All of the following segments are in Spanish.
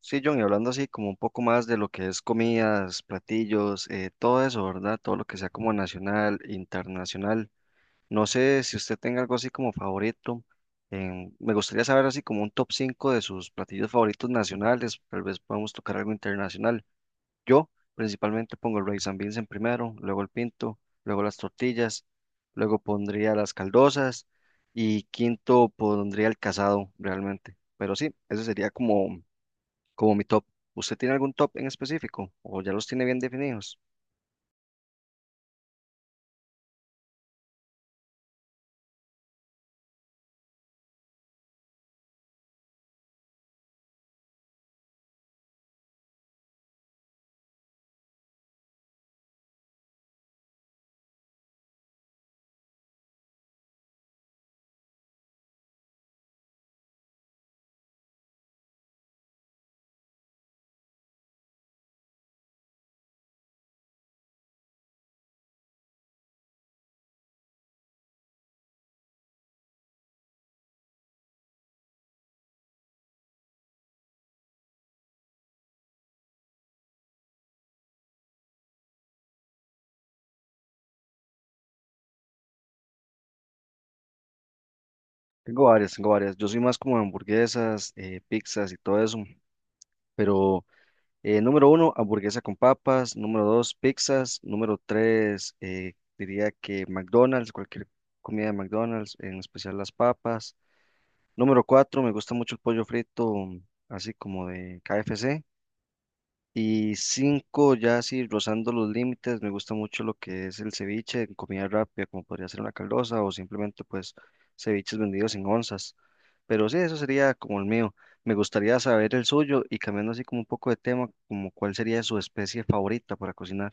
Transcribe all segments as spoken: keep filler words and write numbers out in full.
Sí, John, y hablando así como un poco más de lo que es comidas, platillos, eh, todo eso, ¿verdad? Todo lo que sea como nacional, internacional. No sé si usted tenga algo así como favorito. en- me gustaría saber así como un top cinco de sus platillos favoritos nacionales. Tal vez podamos tocar algo internacional. Yo principalmente pongo el rice and beans en primero, luego el pinto, luego las tortillas, luego pondría las caldosas y quinto pondría el casado realmente. Pero sí, eso sería como. Como mi top. ¿Usted tiene algún top en específico o ya los tiene bien definidos? Tengo varias, tengo varias. Yo soy más como de hamburguesas, eh, pizzas y todo eso. Pero eh, número uno, hamburguesa con papas. Número dos, pizzas. Número tres, eh, diría que McDonald's, cualquier comida de McDonald's, en especial las papas. Número cuatro, me gusta mucho el pollo frito, así como de K F C. Y cinco, ya así rozando los límites, me gusta mucho lo que es el ceviche en comida rápida, como podría ser una caldosa o simplemente pues ceviches vendidos en onzas. Pero sí, eso sería como el mío. Me gustaría saber el suyo y cambiando así como un poco de tema, como cuál sería su especie favorita para cocinar.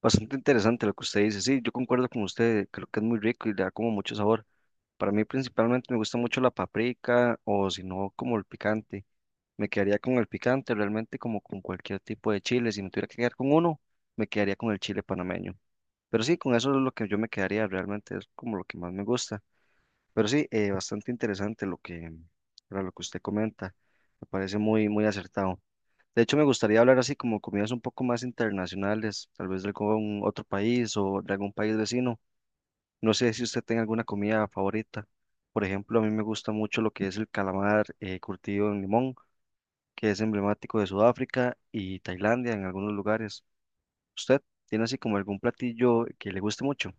Bastante interesante lo que usted dice. Sí, yo concuerdo con usted, creo que es muy rico y le da como mucho sabor. Para mí principalmente me gusta mucho la paprika o si no como el picante. Me quedaría con el picante, realmente como con cualquier tipo de chile. Si me tuviera que quedar con uno, me quedaría con el chile panameño. Pero sí, con eso es lo que yo me quedaría, realmente es como lo que más me gusta. Pero sí, eh, bastante interesante lo que, para lo que usted comenta. Me parece muy, muy acertado. De hecho, me gustaría hablar así como comidas un poco más internacionales, tal vez de algún otro país o de algún país vecino. No sé si usted tenga alguna comida favorita. Por ejemplo, a mí me gusta mucho lo que es el calamar eh, curtido en limón que es emblemático de Sudáfrica y Tailandia en algunos lugares. ¿Usted tiene así como algún platillo que le guste mucho?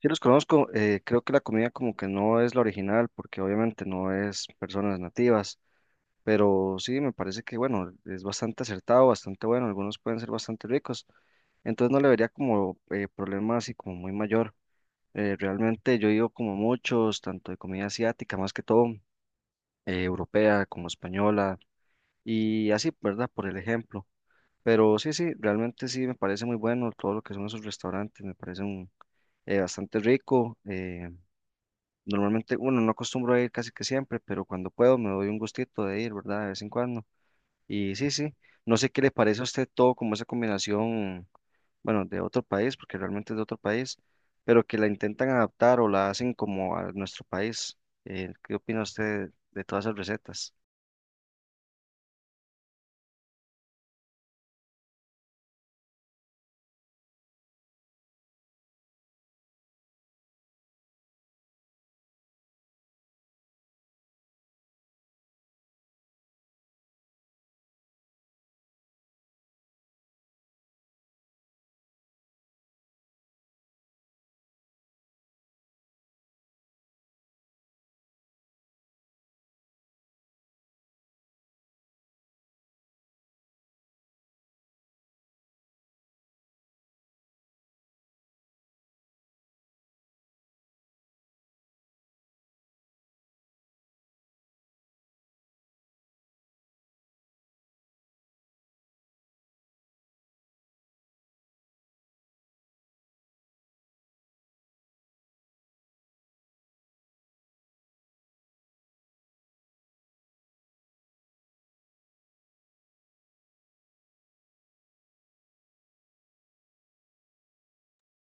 Sí, los conozco. eh, creo que la comida como que no es la original porque obviamente no es personas nativas, pero sí me parece que bueno, es bastante acertado, bastante bueno. Algunos pueden ser bastante ricos, entonces no le vería como eh, problema así como muy mayor. Eh, realmente yo he ido como muchos, tanto de comida asiática más que todo, eh, europea como española y así, ¿verdad? Por el ejemplo. Pero sí, sí, realmente sí me parece muy bueno todo lo que son esos restaurantes, me parece un, eh, bastante rico. eh, normalmente, bueno, no acostumbro a ir casi que siempre, pero cuando puedo me doy un gustito de ir, ¿verdad? De vez en cuando. Y sí, sí, no sé qué le parece a usted todo como esa combinación, bueno, de otro país, porque realmente es de otro país, pero que la intentan adaptar o la hacen como a nuestro país. Eh, ¿qué opina usted de todas esas recetas?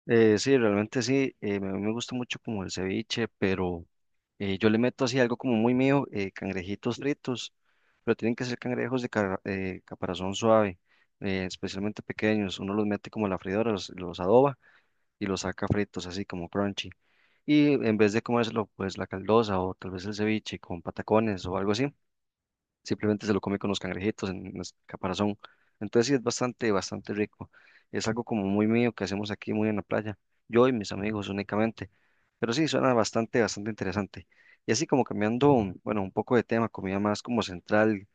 Eh, sí, realmente sí, eh, me- a mí me gusta mucho como el ceviche, pero eh, yo le meto así algo como muy mío, eh, cangrejitos fritos, pero tienen que ser cangrejos de cara- eh, caparazón suave, eh, especialmente pequeños, uno los mete como a la freidora, los, los adoba y los saca fritos así como crunchy, y en vez de comérselo pues la caldosa o tal vez el ceviche con patacones o algo así, simplemente se lo come con los cangrejitos en el caparazón. Entonces sí es bastante, bastante rico. Es algo como muy mío que hacemos aquí muy en la playa, yo y mis amigos únicamente. Pero sí, suena bastante, bastante interesante. Y así como cambiando, bueno, un poco de tema, comida más como central,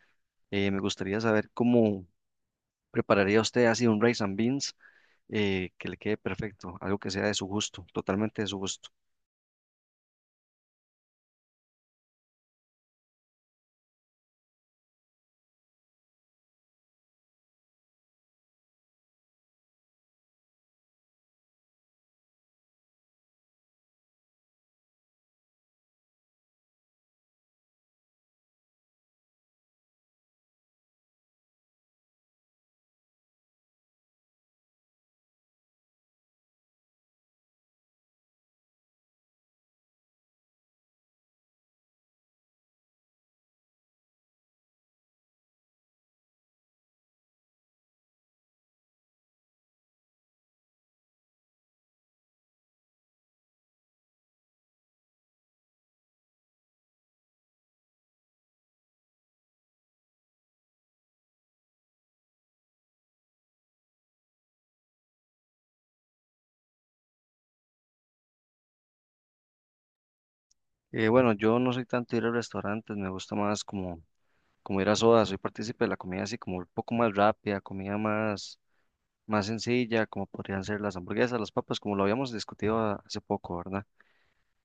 eh, me gustaría saber cómo prepararía usted así un rice and beans eh, que le quede perfecto, algo que sea de su gusto, totalmente de su gusto. Eh, bueno, yo no soy tanto de ir a restaurantes, me gusta más como como ir a soda, soy partícipe de la comida así como un poco más rápida, comida más, más sencilla, como podrían ser las hamburguesas, las papas, como lo habíamos discutido a- hace poco, ¿verdad?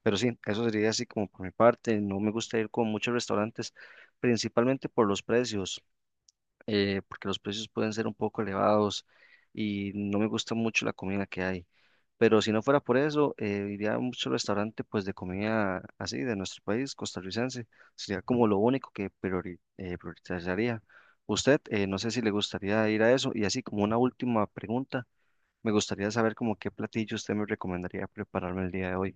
Pero sí, eso sería así como por mi parte, no me gusta ir con muchos restaurantes, principalmente por los precios eh, porque los precios pueden ser un poco elevados y no me gusta mucho la comida que hay. Pero si no fuera por eso, eh, iría a mucho restaurante pues de comida así de nuestro país, costarricense. Sería como lo único que priori- eh, priorizaría. Usted, eh, no sé si le gustaría ir a eso. Y así como una última pregunta, me gustaría saber como qué platillo usted me recomendaría prepararme el día de hoy.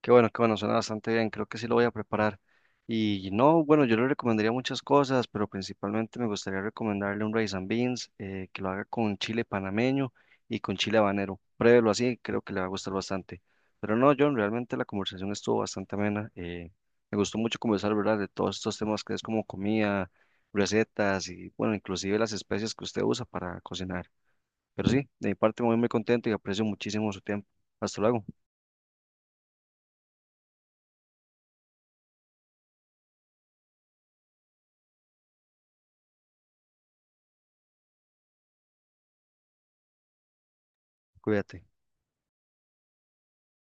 Qué bueno, qué bueno, suena bastante bien, creo que sí lo voy a preparar. Y no, bueno, yo le recomendaría muchas cosas, pero principalmente me gustaría recomendarle un rice and beans, eh, que lo haga con chile panameño y con chile habanero. Pruébelo así, creo que le va a gustar bastante. Pero no, John, realmente la conversación estuvo bastante amena. eh, me gustó mucho conversar, ¿verdad? De todos estos temas que es como comida, recetas y, bueno, inclusive las especias que usted usa para cocinar. Pero sí, de mi parte muy, muy contento y aprecio muchísimo su tiempo. Hasta luego, cuídate.